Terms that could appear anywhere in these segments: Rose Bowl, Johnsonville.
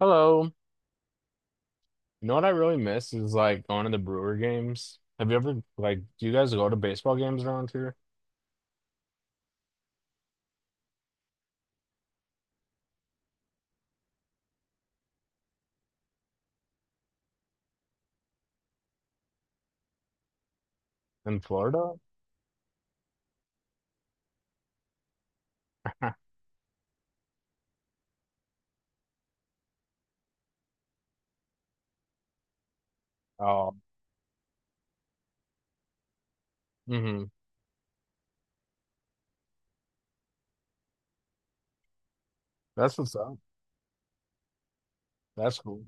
Hello. You know what I really miss is like going to the Brewer games. Have you ever like Do you guys go to baseball games around here in Florida? Oh, mm-hmm. That's what's up. That's cool.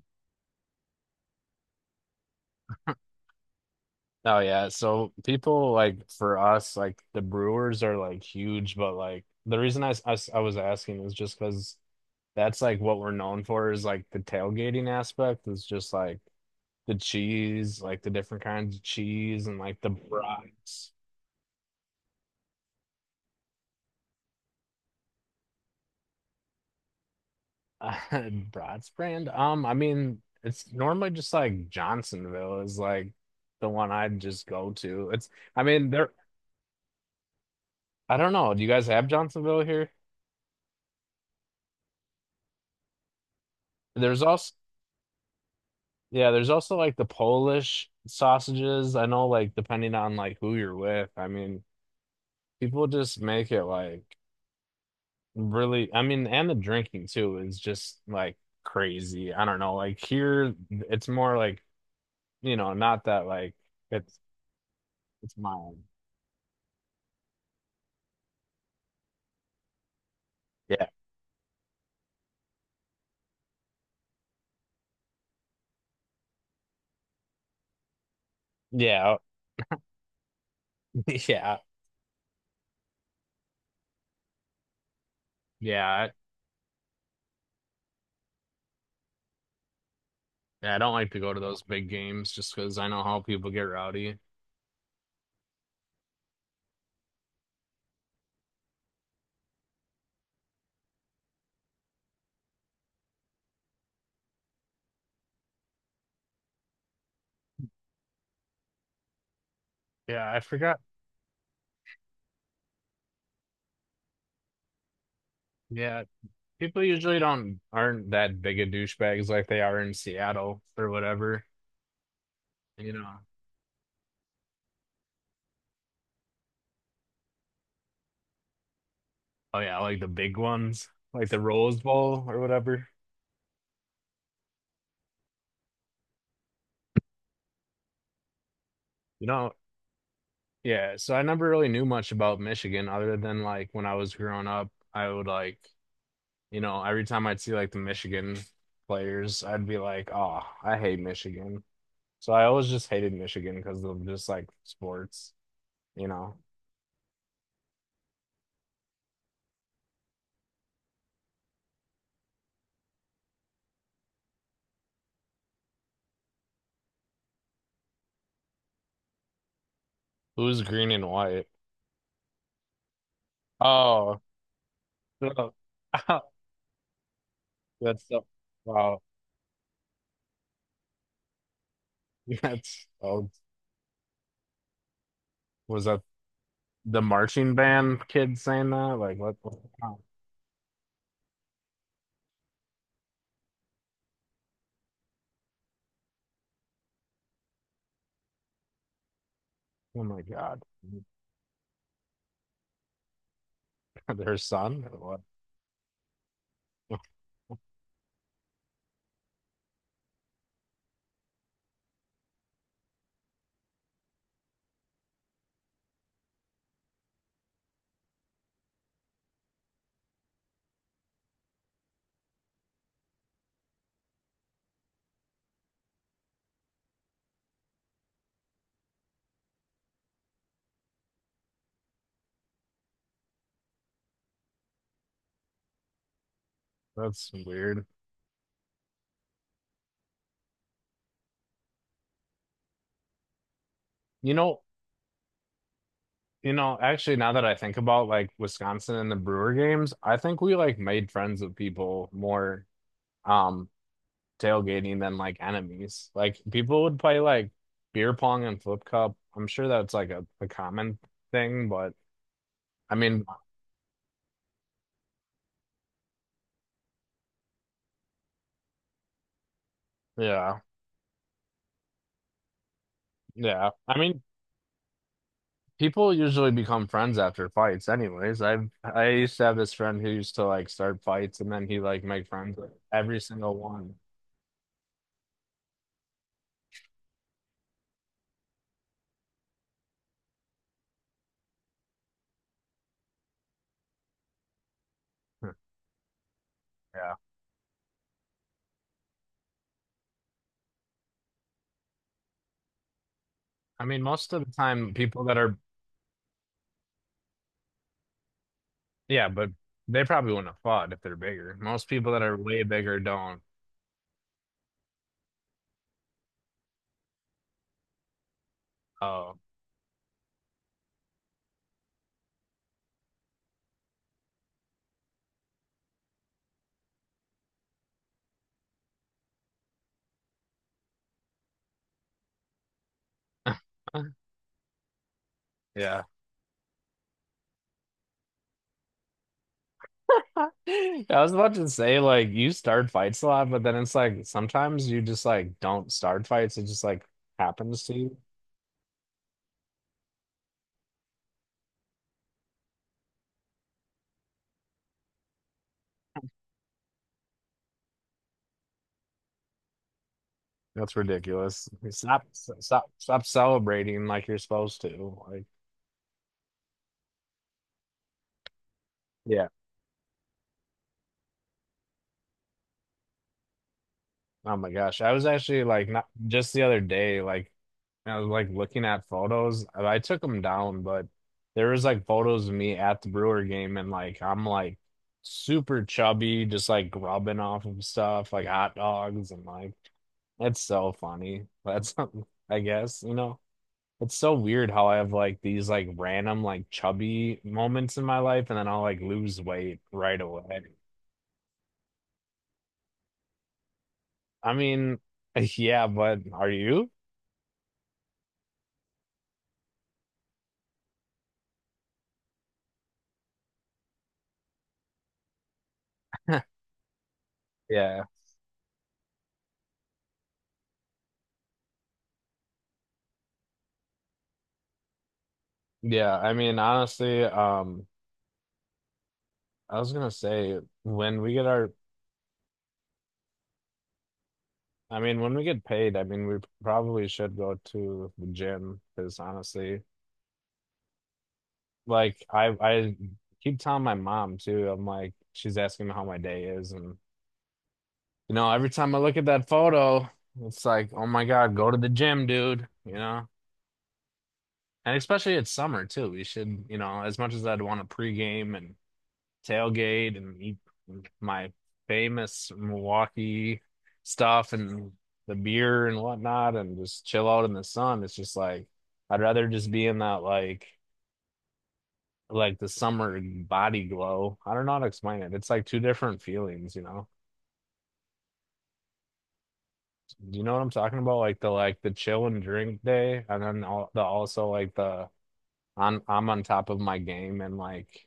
Oh yeah. So people like for us, like the Brewers are like huge, but like the reason I was asking is just because that's like what we're known for is like the tailgating aspect is just like the cheese, like the different kinds of cheese and like the brats. Uh, Bratz brand? I mean, it's normally just like Johnsonville is like the one I'd just go to. I mean, I don't know. Do you guys have Johnsonville here? There's also, yeah, there's also like the Polish sausages. I know, like, depending on like who you're with, I mean, people just make it like really, I mean, and the drinking too is just like crazy. I don't know. Like here, it's more like, you know, not that like it's, it's mine. Yeah. Yeah, Yeah. Yeah, I don't like to go to those big games just because I know how people get rowdy. Yeah, I forgot. Yeah, people usually don't aren't that big of douchebags like they are in Seattle or whatever. You know. Oh yeah, like the big ones, like the Rose Bowl or whatever. You know. Yeah, so I never really knew much about Michigan other than like when I was growing up, I would like, you know, every time I'd see like the Michigan players, I'd be like, "Oh, I hate Michigan." So I always just hated Michigan because of just like sports, you know. Who's green and white? Oh, no. That's so, wow. That's oh, was that the marching band kid saying that? Like what? Oh, oh my God, their son or what? That's weird. You know, You know, actually, now that I think about like Wisconsin and the Brewer games, I think we like made friends with people more um tailgating than like enemies. Like people would play like beer pong and flip cup. I'm sure that's like a common thing, but I mean, yeah, yeah. I mean, people usually become friends after fights anyways. I used to have this friend who used to like start fights and then he like make friends with every single one. Yeah. I mean, most of the time, people that are Yeah, but they probably wouldn't have fought if they're bigger. Most people that are way bigger don't. Oh, yeah. I was about to say, like, you start fights a lot, but then it's like sometimes you just like don't start fights. It just like happens to you. That's ridiculous. Stop, stop, stop celebrating like you're supposed to. Like, yeah. Oh my gosh. I was actually like not just the other day, like I was like looking at photos. I took them down, but there was like photos of me at the Brewer game and like I'm like super chubby, just like grubbing off of stuff, like hot dogs and like that's so funny. That's I guess, you know. It's so weird how I have like these like random like chubby moments in my life and then I'll like lose weight right away. I mean, yeah, but are you? Yeah. Yeah, I mean, honestly, I was gonna say when we get our, I mean, when we get paid, I mean, we probably should go to the gym because honestly, like I keep telling my mom too. I'm like, she's asking me how my day is, and you know, every time I look at that photo, it's like, oh my God, go to the gym, dude. You know, and especially it's summer too. We should, you know, as much as I'd want to pregame and. Tailgate and eat my famous Milwaukee stuff and the beer and whatnot and just chill out in the sun. It's just like I'd rather just be in that like the summer body glow. I don't know how to explain it. It's like two different feelings, you know. Do you know what I'm talking about? Like the chill and drink day and then all the also like the I'm on top of my game and like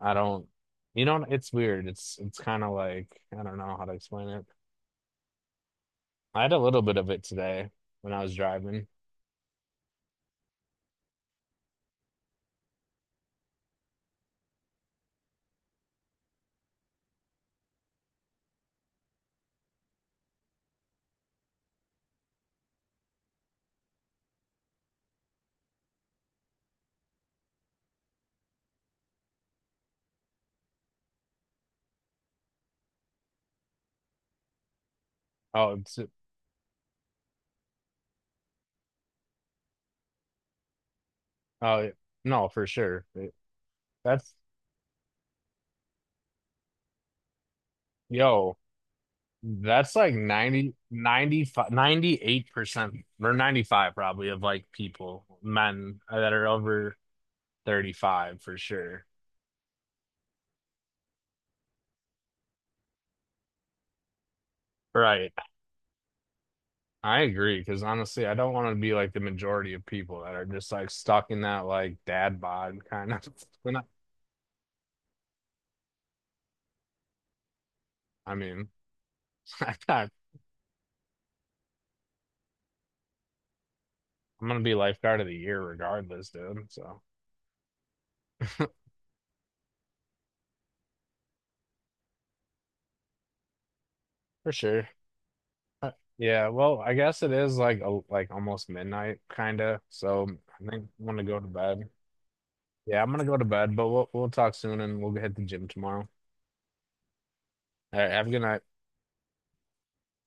I don't you know it's weird. It's kind of like I don't know how to explain it. I had a little bit of it today when I was driving. Oh, oh, no, for sure. That's, yo, that's like 90, 95, 98% or 95 probably of like people, men that are over 35 for sure. Right. I agree. Cause honestly, I don't want to be like the majority of people that are just like stuck in that like dad bod kind of. When I, I mean, I'm gonna be lifeguard of the year regardless, dude. So for sure. Uh, Yeah, well, I guess it is like like almost midnight kind of. So I think I'm gonna go to bed. Yeah, I'm gonna go to bed, but we'll talk soon and we'll hit the gym tomorrow. All right, have a good night.